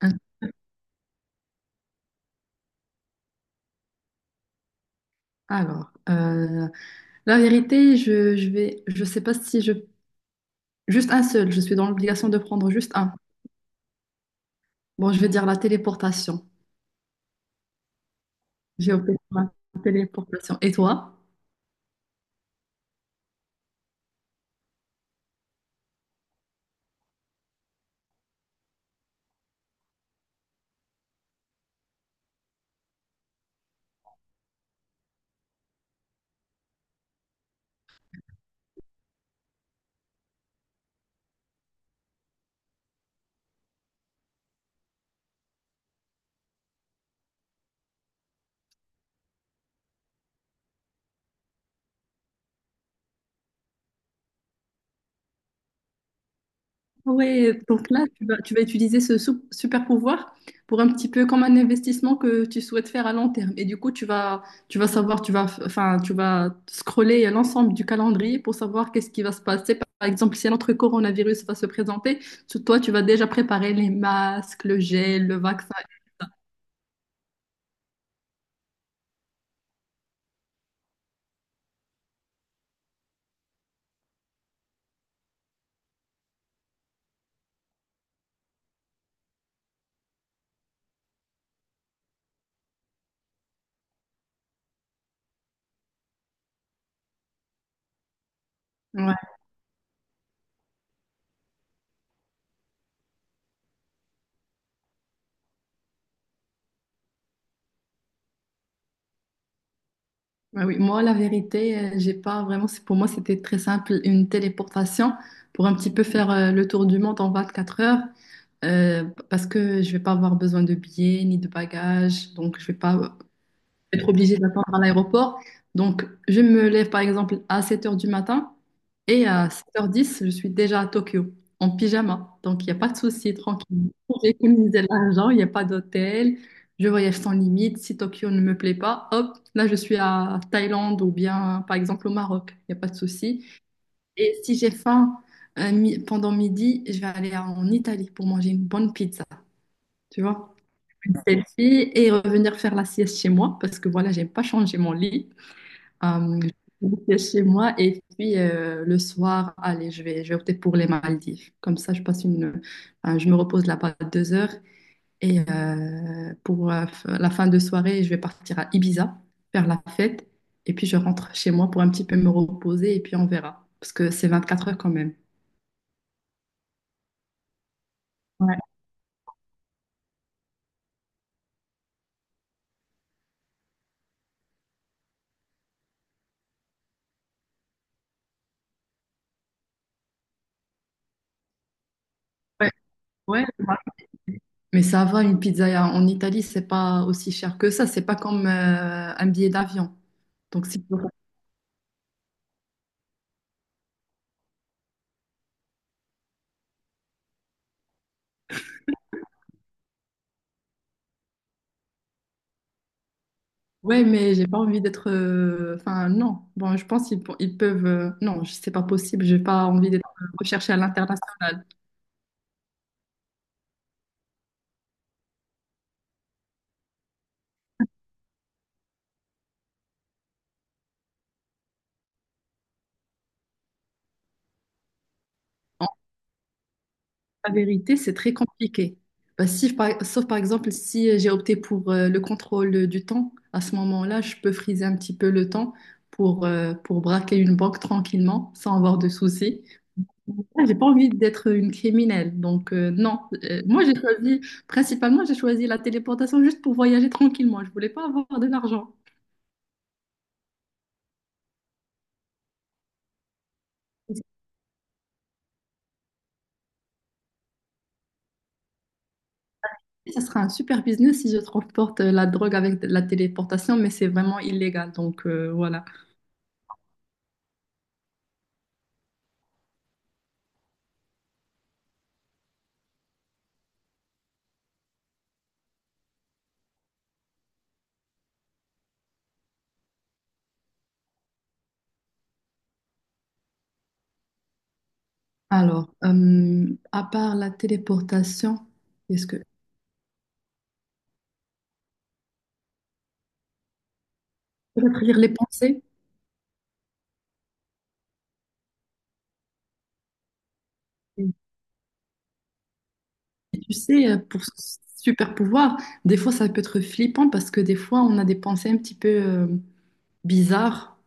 Hein. Alors, la vérité, je vais, je sais pas si je, juste un seul, je suis dans l'obligation de prendre juste un. Bon, je vais dire la téléportation. J'ai opté pour la téléportation. Et toi? Ouais, donc là, tu vas utiliser ce super pouvoir pour un petit peu comme un investissement que tu souhaites faire à long terme. Et du coup, tu vas savoir, tu vas, enfin, tu vas scroller l'ensemble du calendrier pour savoir qu'est-ce qui va se passer. Par exemple, si notre coronavirus va se présenter, toi, tu vas déjà préparer les masques, le gel, le vaccin. Ouais, ouais, oui. Moi, la vérité, j'ai pas vraiment. Pour moi, c'était très simple, une téléportation pour un petit peu faire le tour du monde en 24 heures. Euh, Parce que je vais pas avoir besoin de billets ni de bagages, donc je vais pas être obligée d'attendre à l'aéroport. Donc je me lève par exemple à 7 heures du matin et à 7h10, je suis déjà à Tokyo en pyjama. Donc il n'y a pas de souci, tranquille. J'ai économisé l'argent, il n'y a pas d'hôtel, je voyage sans limite. Si Tokyo ne me plaît pas, hop, là je suis à Thaïlande ou bien par exemple au Maroc, il n'y a pas de souci. Et si j'ai faim pendant midi, je vais aller en Italie pour manger une bonne pizza, tu vois, une selfie et revenir faire la sieste chez moi parce que voilà, j'ai pas changé mon lit. Je fais la sieste chez moi et puis le soir, allez, je vais opter pour les Maldives. Comme ça, je passe une, enfin, je me repose là-bas 2 heures et pour la fin de soirée, je vais partir à Ibiza faire la fête et puis je rentre chez moi pour un petit peu me reposer et puis on verra parce que c'est 24 heures quand même. Ouais, ouais, ouais. Mais ça va, une pizza en Italie, c'est pas aussi cher que ça. C'est pas comme un billet d'avion. Donc, si, ouais, mais j'ai pas envie d'être. Enfin, non. Bon, je pense qu'ils pe- ils peuvent. Non, c'est pas possible. J'ai pas envie d'être recherchée à l'international. En la vérité, c'est très compliqué. Bah, si, sauf par exemple, si j'ai opté pour le contrôle du temps, à ce moment-là, je peux friser un petit peu le temps pour braquer une banque tranquillement, sans avoir de soucis. Ah, j'ai pas envie d'être une criminelle, donc non. Moi, j'ai choisi, principalement, j'ai choisi la téléportation juste pour voyager tranquillement. Je voulais pas avoir de l'argent. Ça sera un super business si je transporte la drogue avec de la téléportation, mais c'est vraiment illégal, donc voilà. Alors, à part la téléportation, est-ce que peut-être lire les pensées? Et tu sais, pour ce super pouvoir, des fois, ça peut être flippant parce que des fois, on a des pensées un petit peu bizarre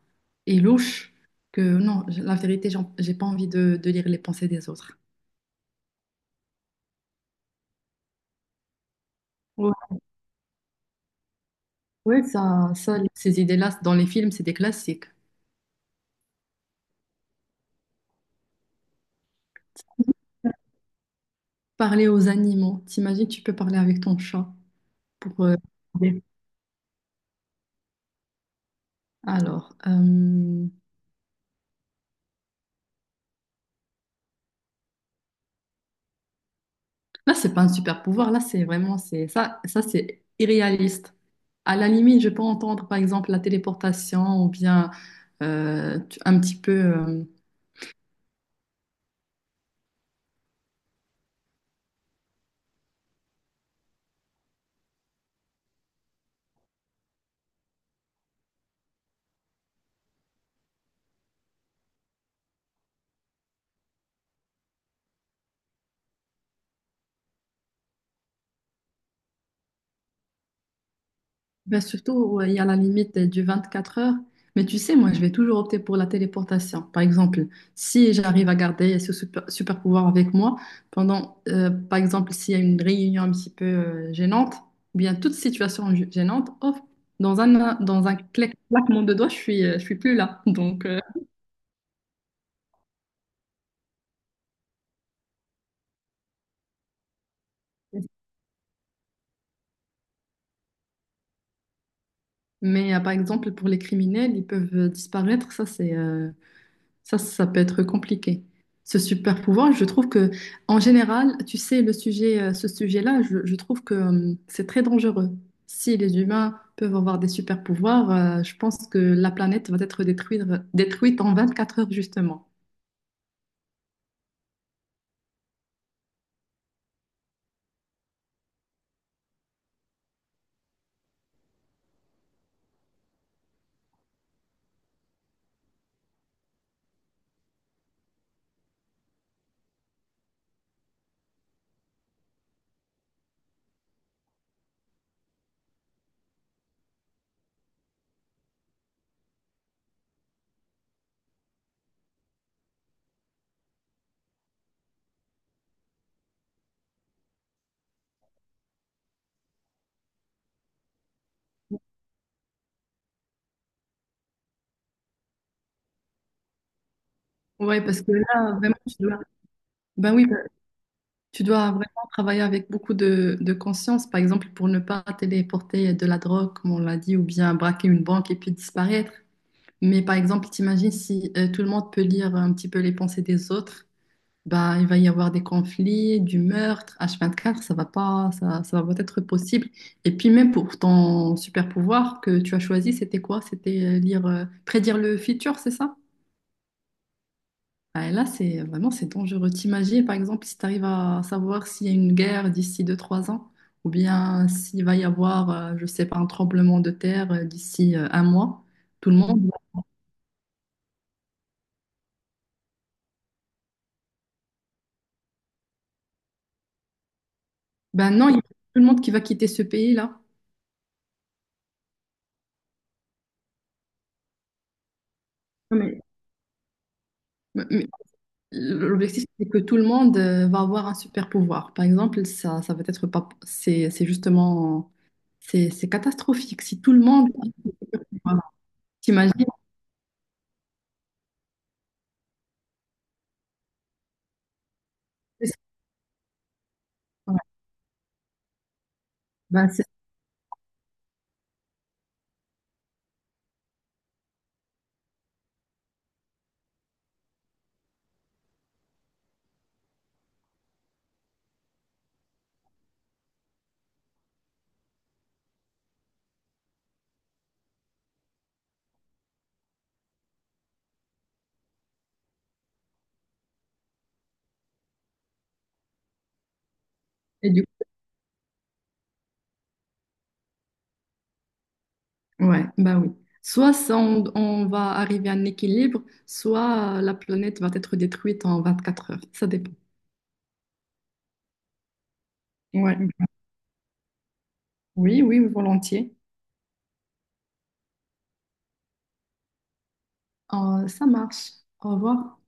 et louche que non, la vérité, j'ai pas envie de lire les pensées des autres. Ouais, ouais, ça, ces idées-là, dans les films, c'est des classiques. Parler aux animaux. T'imagines, tu peux parler avec ton chat pour aider. Alors, là, c'est pas un super pouvoir. Là, c'est vraiment, c'est ça, c'est irréaliste. À la limite, je peux entendre, par exemple, la téléportation ou bien un petit peu. Ben, surtout, ouais, il y a la limite du 4 heures. Mais tu sais, moi, je vais toujours opter pour la téléportation. Par exemple, si j'arrive à garder ce super, super pouvoir avec moi, pendant, par exemple, s'il y a une réunion un petit peu gênante, ou bien toute situation gênante, hop, dans un claquement de doigts, je suis plus là. Donc, mais par exemple, pour les criminels, ils peuvent disparaître. Ça, ça peut être compliqué. Ce super pouvoir, je trouve que, en général, tu sais, le sujet, ce sujet-là, je trouve que c'est très dangereux. Si les humains peuvent avoir des super pouvoirs, je pense que la planète va être détruite, détruite en 4 heures, justement. Ouais, parce que là, vraiment, tu dois, ben oui, tu dois vraiment travailler avec beaucoup de conscience, par exemple, pour ne pas téléporter de la drogue, comme on l'a dit, ou bien braquer une banque et puis disparaître. Mais par exemple, t'imagines si tout le monde peut lire un petit peu les pensées des autres, bah, il va y avoir des conflits, du meurtre, H24, ça va pas, ça va pas être possible. Et puis même pour ton super pouvoir que tu as choisi, c'était quoi? C'était prédire le futur, c'est ça? Ah, et là, c'est vraiment, c'est dangereux. T'imagines, par exemple, si tu arrives à savoir s'il y a une guerre d'ici deux trois ans, ou bien s'il va y avoir, je sais pas, un tremblement de terre d'ici un mois, tout le monde. Ben non, il y a tout le monde qui va quitter ce pays-là. Non, Mais- l'objectif, c'est que tout le monde va avoir un super pouvoir. Par exemple, ça va être pas, c'est justement, c'est catastrophique. Si tout le monde, voilà, t'imagines, c'est- ouais, ben c'est, et du coup, ouais, ben oui. Soit ça, on va arriver à un équilibre, soit la planète va être détruite en 24 heures. Ça dépend. Ouais. Oui, oui, volontiers. Ça marche. Au revoir.